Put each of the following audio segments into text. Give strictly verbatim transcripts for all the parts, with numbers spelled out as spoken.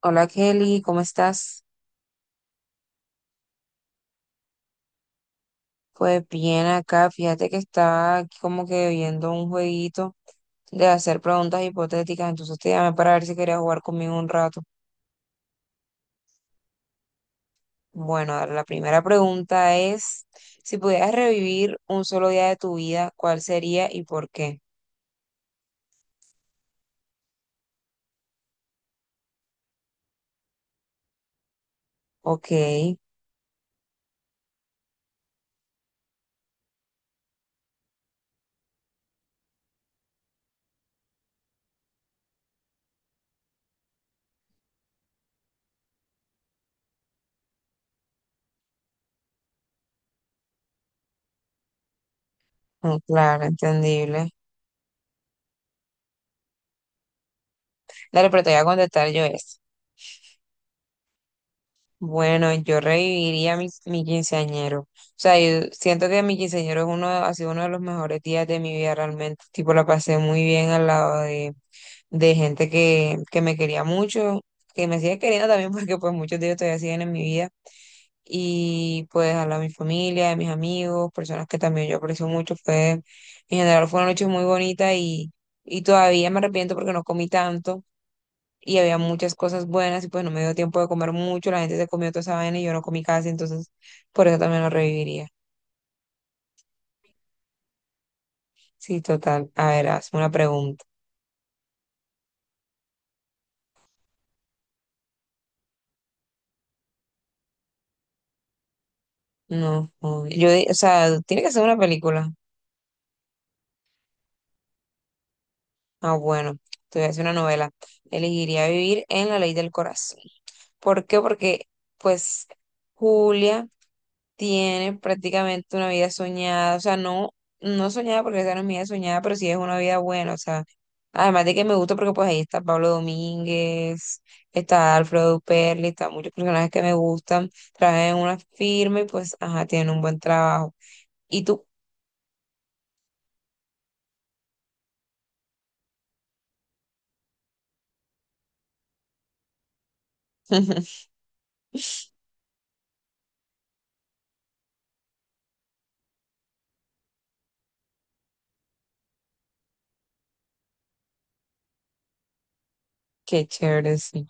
Hola Kelly, ¿cómo estás? Pues bien acá, fíjate que estaba aquí como que viendo un jueguito de hacer preguntas hipotéticas, entonces te llamé para ver si querías jugar conmigo un rato. Bueno, a ver, la primera pregunta es, si pudieras revivir un solo día de tu vida, ¿cuál sería y por qué? Ok, mm, claro, entendible. Dale, pero te voy a contestar yo esta. Bueno, yo reviviría mi, mi quinceañero. O sea, yo siento que mi quinceañero es uno, ha sido uno de los mejores días de mi vida realmente. Tipo, la pasé muy bien al lado de, de gente que, que me quería mucho, que me sigue queriendo también porque pues muchos de ellos todavía siguen en mi vida. Y pues al lado de mi familia, de mis amigos, personas que también yo aprecio mucho. Fue, en general fue una noche muy bonita y, y todavía me arrepiento porque no comí tanto y había muchas cosas buenas y pues no me dio tiempo de comer mucho, la gente se comió toda esa vaina y yo no comí casi, entonces por eso también lo reviviría. Sí, total. A ver, hazme una pregunta. No, no, yo, di- o sea, tiene que ser una película. Ah, bueno, te voy a hacer una novela. Elegiría vivir en La Ley del Corazón. ¿Por qué? Porque pues Julia tiene prácticamente una vida soñada, o sea, no, no soñada porque esa no es mi vida soñada, pero sí es una vida buena, o sea, además de que me gusta porque pues ahí está Pablo Domínguez, está Alfredo Perli, está muchos personajes que me gustan, trabajan en una firma y pues, ajá, tienen un buen trabajo. ¿Y tú? Qué chévere, sí.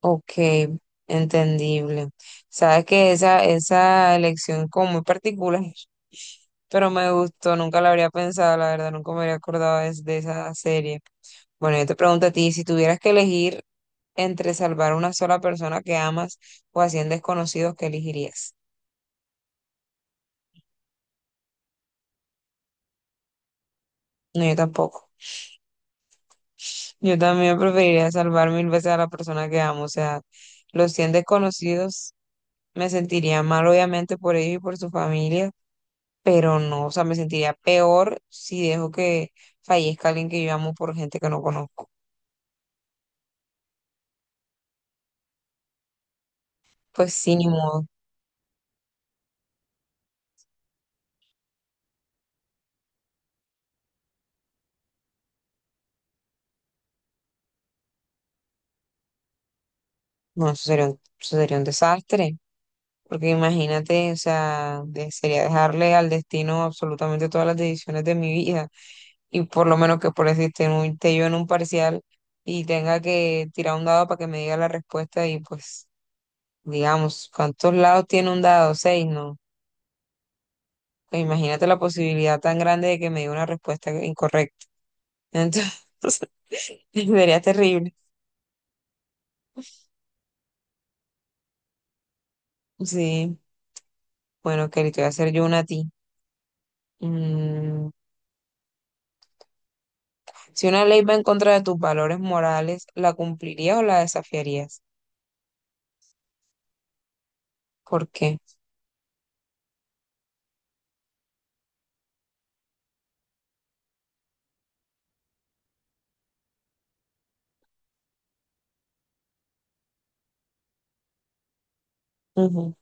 Ok, entendible. Sabes que esa, esa elección como muy particular, pero me gustó, nunca la habría pensado, la verdad, nunca me habría acordado de, de esa serie. Bueno, yo te pregunto a ti, si tuvieras que elegir entre salvar a una sola persona que amas o a cien desconocidos, ¿qué elegirías? No, yo tampoco. Yo también preferiría salvar mil veces a la persona que amo, o sea, los cien desconocidos me sentiría mal obviamente por ellos y por su familia pero no, o sea, me sentiría peor si dejo que fallezca alguien que yo amo por gente que no conozco. Pues sí, ni modo. No, eso sería un, eso sería un desastre, porque imagínate, o sea, de- sería dejarle al destino absolutamente todas las decisiones de mi vida, y por lo menos que por decirte, en un- esté yo en un parcial y tenga que tirar un dado para que me diga la respuesta y pues, digamos, ¿cuántos lados tiene un dado? Seis, ¿no? Pues imagínate la posibilidad tan grande de que me dé una respuesta incorrecta. Entonces, sería terrible. Sí, bueno, Kelly, te voy a hacer yo una a ti. Mm, Si una ley va en contra de tus valores morales, ¿la cumplirías o la desafiarías? ¿Por qué? Ujú,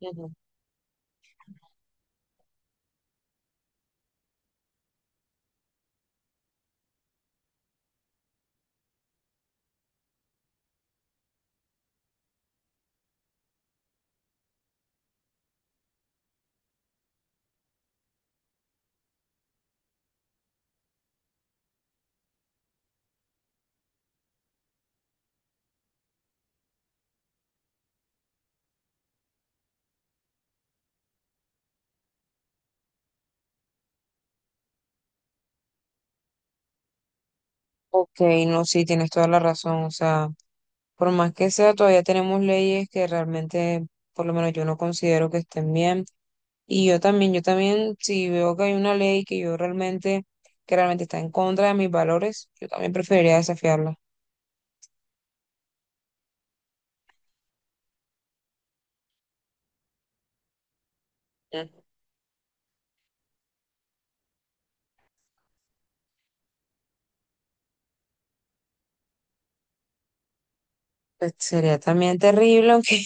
ujú. Ok, no, sí, tienes toda la razón. O sea, por más que sea, todavía tenemos leyes que realmente, por lo menos yo no considero que estén bien. Y yo también, yo también, si veo que hay una ley que yo realmente, que realmente está en contra de mis valores, yo también preferiría desafiarla. Pues, sería también terrible, aunque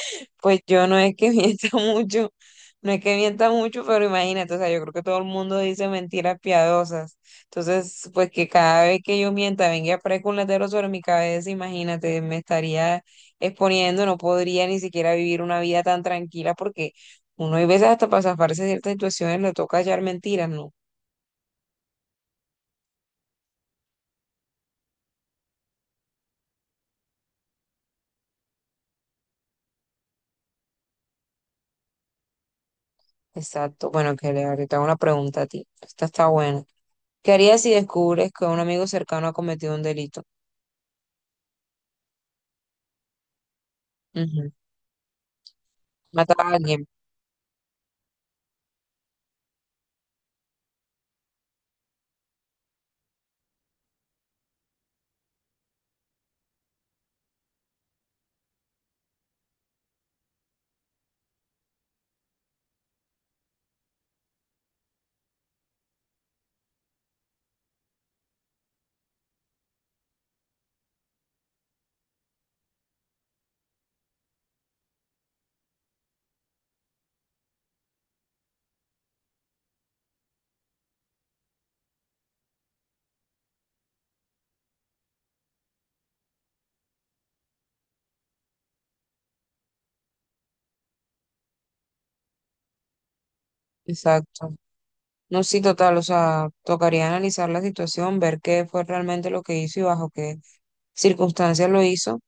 pues yo no es que mienta mucho, no es que mienta mucho, pero imagínate, o sea, yo creo que todo el mundo dice mentiras piadosas. Entonces, pues que cada vez que yo mienta venga a aparezca un letrero sobre mi cabeza, imagínate, me estaría exponiendo, no podría ni siquiera vivir una vida tan tranquila porque uno hay veces hasta para zafarse de ciertas situaciones le toca hallar mentiras, ¿no? Exacto. Bueno, que le ahorita hago una pregunta a ti. Esta está buena. ¿Qué harías si descubres que un amigo cercano ha cometido un delito? Ujú. Matar a alguien, exacto. No, sí, total, o sea, tocaría analizar la situación, ver qué fue realmente lo que hizo y bajo qué circunstancias lo hizo.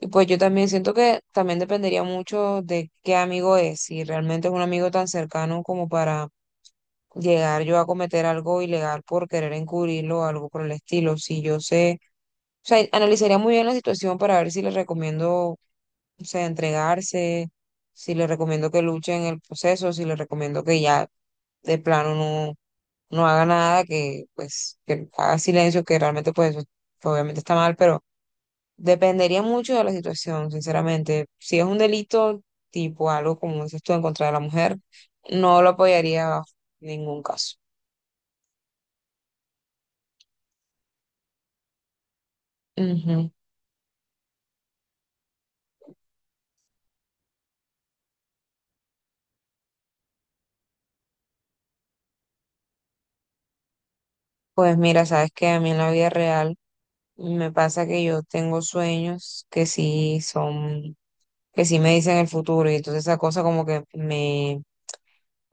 Y pues yo también siento que también dependería mucho de qué amigo es, si realmente es un amigo tan cercano como para llegar yo a cometer algo ilegal por querer encubrirlo o algo por el estilo. Si yo sé, o sea, analizaría muy bien la situación para ver si le recomiendo, o sea, entregarse, si le recomiendo que luche en el proceso, si le recomiendo que ya de plano no, no haga nada, que pues que haga silencio, que realmente pues eso obviamente está mal, pero dependería mucho de la situación, sinceramente. Si es un delito tipo algo como dices tú en contra de la mujer, no lo apoyaría bajo ningún caso. Ujú. Pues mira, sabes que a mí en la vida real me pasa que yo tengo sueños que sí son, que sí me dicen el futuro y entonces esa cosa como que me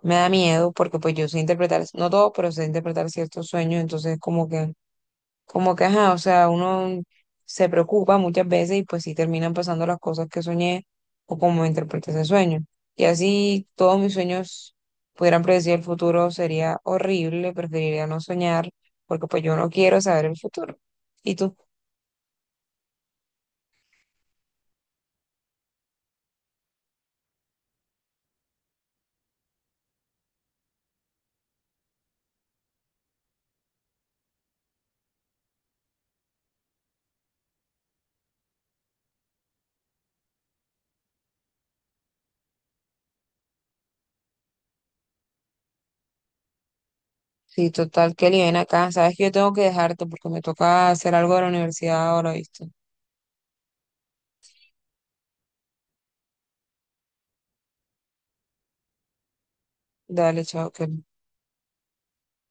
me da miedo porque pues yo sé interpretar, no todo, pero sé interpretar ciertos sueños, entonces como que, como que, ajá, o sea, uno se preocupa muchas veces y pues sí terminan pasando las cosas que soñé o como interpreté ese sueño. Y así todos mis sueños pudieran predecir el futuro sería horrible, preferiría no soñar porque pues yo no quiero saber el futuro. ¿Y tú? Sí, total, Kelly, ven acá, sabes que yo tengo que dejarte porque me toca hacer algo de la universidad ahora, ¿viste? Dale, chao, Kelly.